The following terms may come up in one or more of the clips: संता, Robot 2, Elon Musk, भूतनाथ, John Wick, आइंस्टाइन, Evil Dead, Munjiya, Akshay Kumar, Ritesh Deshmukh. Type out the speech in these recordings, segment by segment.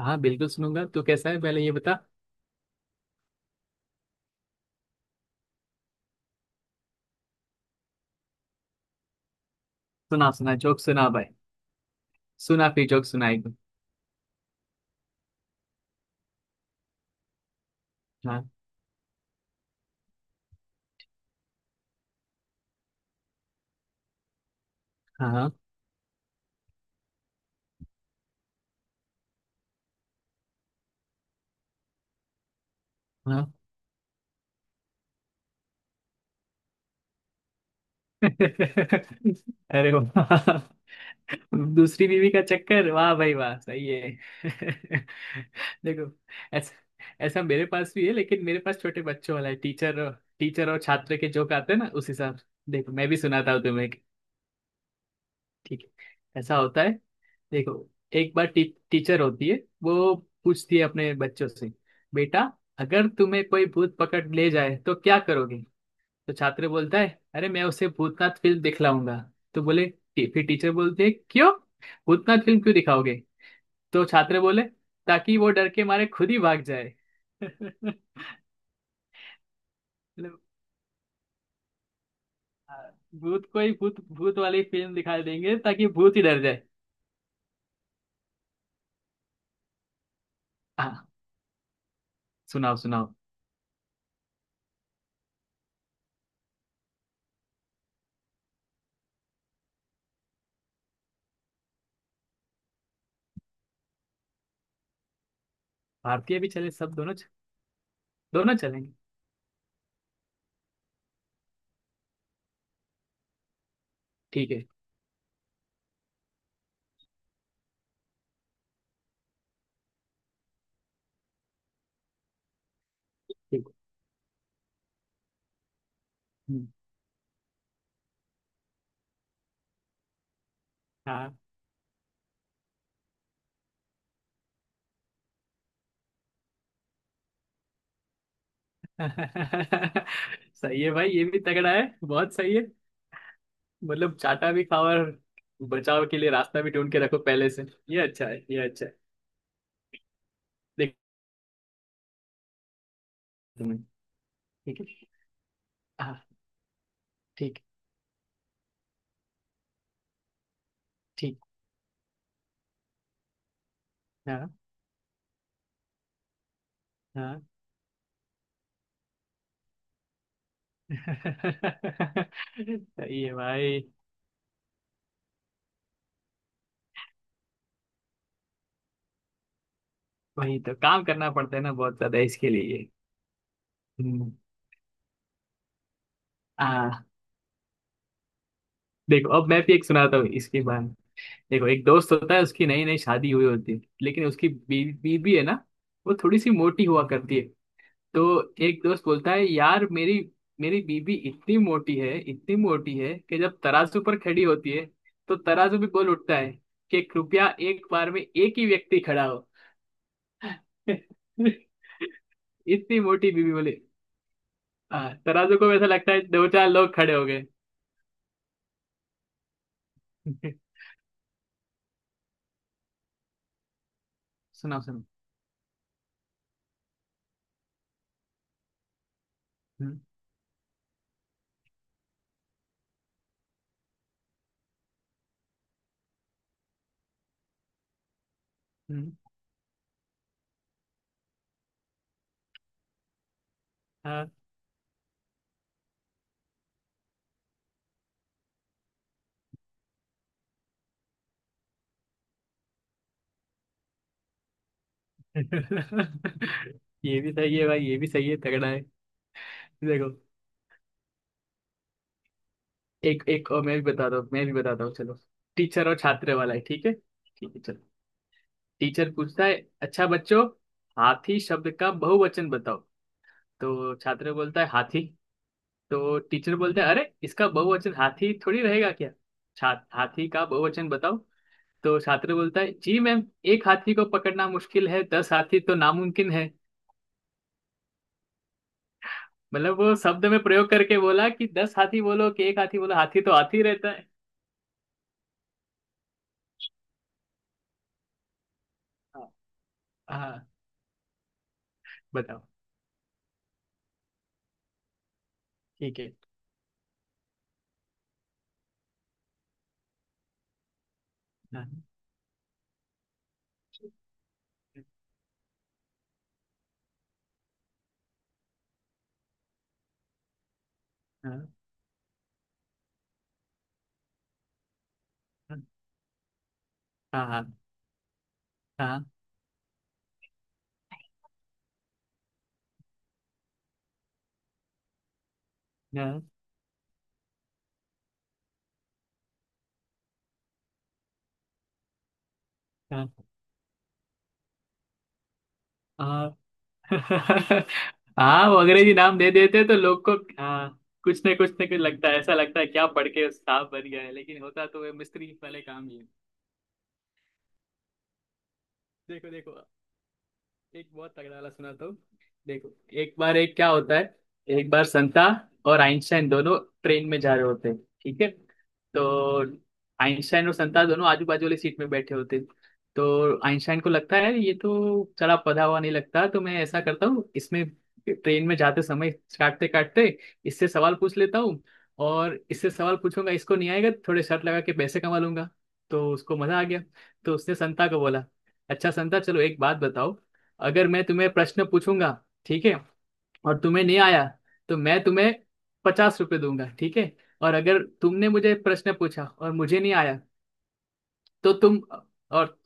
हाँ, बिल्कुल सुनूंगा। तू कैसा है पहले ये बता। सुना सुना जोक सुना भाई। सुना फिर जोक सुनाई तू। हाँ। हाँ। हाँ। अरे वाह। दूसरी बीवी का चक्कर, वाह भाई वाह, सही है। देखो, ऐसा ऐसा मेरे पास भी है, लेकिन मेरे पास छोटे बच्चों वाला है। टीचर, टीचर और छात्र के जोक आते हैं ना, उस हिसाब से। देखो, मैं भी सुनाता हूँ तुम्हें। ठीक है, ऐसा होता है। देखो, एक बार टीचर होती है। वो पूछती है अपने बच्चों से, बेटा अगर तुम्हें कोई भूत पकड़ ले जाए तो क्या करोगे। तो छात्र बोलता है, अरे मैं उसे भूतनाथ फिल्म दिखलाऊंगा। तो बोले, फिर टीचर बोलते है, क्यों भूतनाथ फिल्म क्यों दिखाओगे। तो छात्र बोले, ताकि वो डर के मारे खुद ही भाग जाए। मतलब, आ, भूत को ही भूत भूत वाली फिल्म दिखा देंगे, ताकि भूत ही डर जाए। हाँ। सुनाओ सुनाओ। भारतीय भी चले, सब दोनों। दोनों चलेंगे ठीक है। ठीक है। हम्म। हाँ। सही है भाई, ये भी तगड़ा है, बहुत सही है। मतलब चाटा भी खाओ, और बचाव के लिए रास्ता भी ढूंढ के रखो पहले से। ये अच्छा है, ये अच्छा है। देख। तुम्हें। ठीक है। हाँ। ठीक। ठीक। हाँ। हाँ। सही है भाई। वही तो काम करना पड़ता है ना, बहुत ज्यादा इसके लिए। हम्म। हाँ। देखो, अब मैं भी एक सुनाता हूँ इसके बाद। देखो, एक दोस्त होता है, उसकी नई नई शादी हुई होती है, लेकिन उसकी बीवी, बीवी है ना, वो थोड़ी सी मोटी हुआ करती है। तो एक दोस्त बोलता है, यार मेरी मेरी बीवी इतनी मोटी है, इतनी मोटी है कि जब तराजू पर खड़ी होती है तो तराजू भी बोल उठता है कि कृपया एक बार में एक ही व्यक्ति खड़ा हो। इतनी मोटी बीवी बोले। हाँ, तराजू को ऐसा लगता है दो चार लोग खड़े हो गए। सुनाओ सुनाओ। हम्म। हम्म। हाँ। ये भी सही है भाई, ये भी सही है, तगड़ा है। देखो, एक एक और मैं भी बताता हूँ, मैं भी बताता हूँ चलो। टीचर और छात्र वाला है, ठीक है, ठीक है चलो। टीचर पूछता है, अच्छा बच्चों, हाथी शब्द का बहुवचन बताओ। तो छात्र बोलता है, हाथी। तो टीचर बोलता है, अरे इसका बहुवचन हाथी थोड़ी रहेगा क्या। छात्र, हाथी का बहुवचन बताओ। तो छात्र बोलता है, जी मैम, एक हाथी को पकड़ना मुश्किल है, 10 हाथी तो नामुमकिन है। मतलब वो शब्द में प्रयोग करके बोला कि 10 हाथी बोलो कि एक हाथी बोलो, हाथी तो हाथी रहता है। हाँ। हाँ। बताओ। ठीक है। हाँ। हाँ। हाँ। हाँ। हाँ। हाँ। हाँ। हाँ, वो अंग्रेजी नाम दे देते हैं तो लोग को। हाँ, कुछ ना कुछ ना कुछ लगता है, ऐसा लगता है क्या पढ़ के उस साहब बन गया है, लेकिन होता तो वे मिस्त्री वाले काम ही है। देखो देखो, एक बहुत तगड़ा वाला सुनाता हूँ। देखो, एक बार एक क्या होता है, एक बार संता और आइंस्टाइन दोनों ट्रेन में जा रहे होते हैं, ठीक है। तो आइंस्टाइन और संता दोनों आजू बाजू वाली सीट में बैठे होते हैं। तो आइंस्टाइन को लगता है, ये तो चला पधा हुआ नहीं लगता, तो मैं ऐसा करता हूँ, इसमें ट्रेन में जाते समय काटते काटते इससे सवाल पूछ लेता हूँ। और इससे सवाल पूछूंगा, इसको नहीं आएगा तो थोड़े शर्त लगा के पैसे कमा लूंगा। तो उसको मजा आ गया। तो उसने संता को बोला, अच्छा संता, चलो एक बात बताओ, अगर मैं तुम्हें प्रश्न पूछूंगा, ठीक है, और तुम्हें नहीं आया तो मैं तुम्हें 50 रुपये दूंगा, ठीक है। और अगर तुमने मुझे प्रश्न पूछा और मुझे नहीं आया तो तुम, और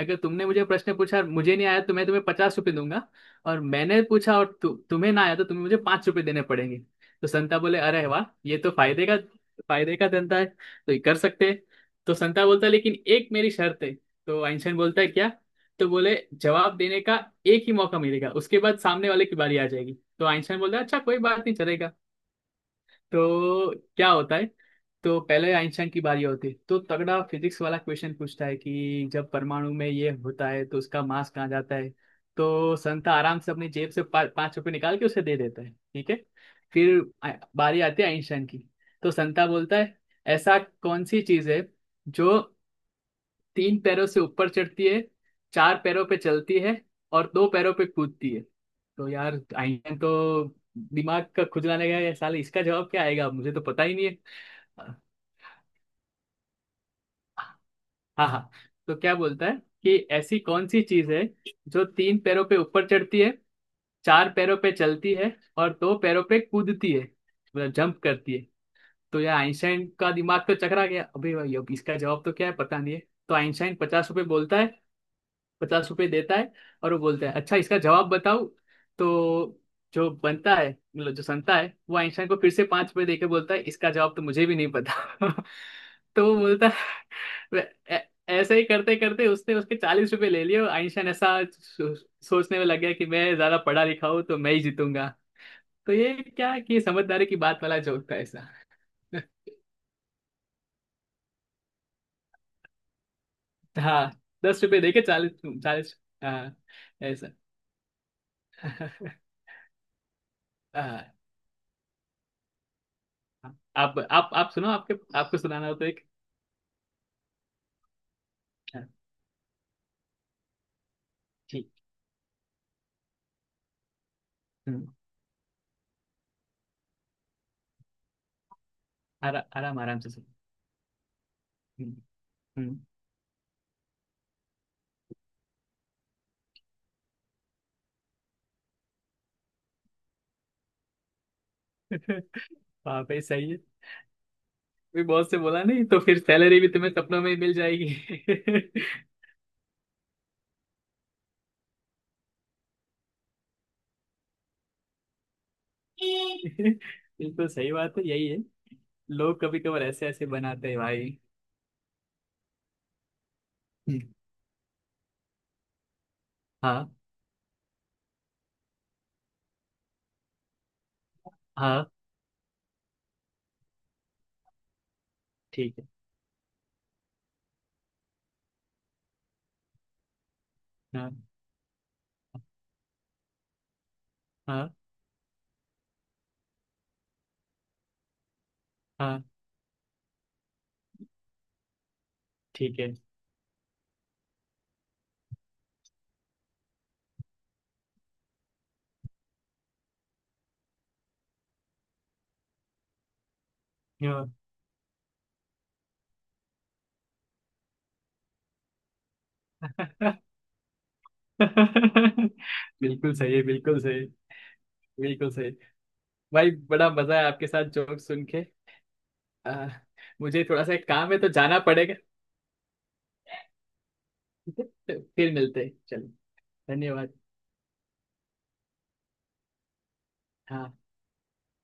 अगर तुमने मुझे प्रश्न पूछा और मुझे नहीं आया तो मैं तुम्हें पचास रुपये दूंगा। और मैंने पूछा और तुम्हें ना आया तो तुम्हें मुझे 5 रुपये देने पड़ेंगे। तो संता बोले, अरे वाह, ये तो फायदे का, फायदे का धंधा है, तो ये कर सकते हैं। तो संता बोलता है, लेकिन एक मेरी शर्त है। तो आइंस्टाइन बोलता है, क्या। तो बोले, जवाब देने का एक ही मौका मिलेगा, उसके बाद सामने वाले की बारी आ जाएगी। तो आइंस्टाइन बोलता है, अच्छा कोई बात नहीं, चलेगा। तो क्या होता है, तो पहले आइंस्टाइन की बारी होती है, तो तगड़ा फिजिक्स वाला क्वेश्चन पूछता है कि जब परमाणु में ये होता है तो उसका मास कहाँ जाता है। तो संता आराम से अपनी जेब से 5 रुपये निकाल के उसे दे देता है, ठीक है। फिर आ- बारी आती है आइंस्टाइन की। तो संता बोलता है, ऐसा कौन सी चीज़ है जो तीन पैरों से ऊपर चढ़ती है, चार पैरों पे चलती है और दो पैरों पे कूदती है। तो यार आइंस्टाइन तो दिमाग का खुजलाने गया, ये साले इसका जवाब क्या आएगा, मुझे तो पता ही नहीं है। हाँ। हाँ। तो क्या बोलता है कि ऐसी कौन सी चीज है जो तीन पैरों पे ऊपर चढ़ती है, चार पैरों पे चलती है और दो पैरों पे कूदती है, मतलब जंप करती है। तो यार आइंस्टाइन का दिमाग तो चकरा गया अभी भाई, अब इसका जवाब तो क्या है पता नहीं है। तो आइंस्टाइन 50 रुपये बोलता है, 50 रुपये देता है, और वो बोलता है, अच्छा इसका जवाब बताओ। तो जो बनता है, मतलब जो संता है, वो आइंस्टाइन को फिर से 5 रुपये देके बोलता है, इसका जवाब तो मुझे भी नहीं पता। तो वो बोलता है, वे- "ऐ- ऐसे ही करते करते उसने उसके 40 रुपये ले लिए। और आइंस्टाइन ऐसा सोचने में लग गया कि मैं ज्यादा पढ़ा लिखा हूँ तो मैं ही जीतूंगा। तो ये क्या है कि ये समझदारी की बात वाला जोक था ऐसा। हाँ। 10 रुपए देके चालीस। चालीस। हाँ। ऐसा। हाँ, आप सुनो, आपके, आपको सुनाना हो तो एक। हाँ, ठीक। हम्म। आराम आराम से सुनो। हम्म। हम्म। हाँ भाई सही है। भी बॉस से बोला, नहीं तो फिर सैलरी भी तुम्हें सपनों में ही मिल जाएगी। बिल्कुल सही बात है, यही है, लोग कभी कभार ऐसे ऐसे बनाते हैं भाई। हम्म। हाँ। हाँ। ठीक है। हाँ। हाँ। हाँ। ठीक है। हाँ। बिल्कुल सही है, बिल्कुल सही। बिल्कुल सही। भाई बड़ा मजा है आपके साथ जोक सुन के। आ, मुझे थोड़ा सा एक काम है तो जाना पड़ेगा। ठीक है? तो फिर मिलते हैं, चलो। धन्यवाद। हाँ।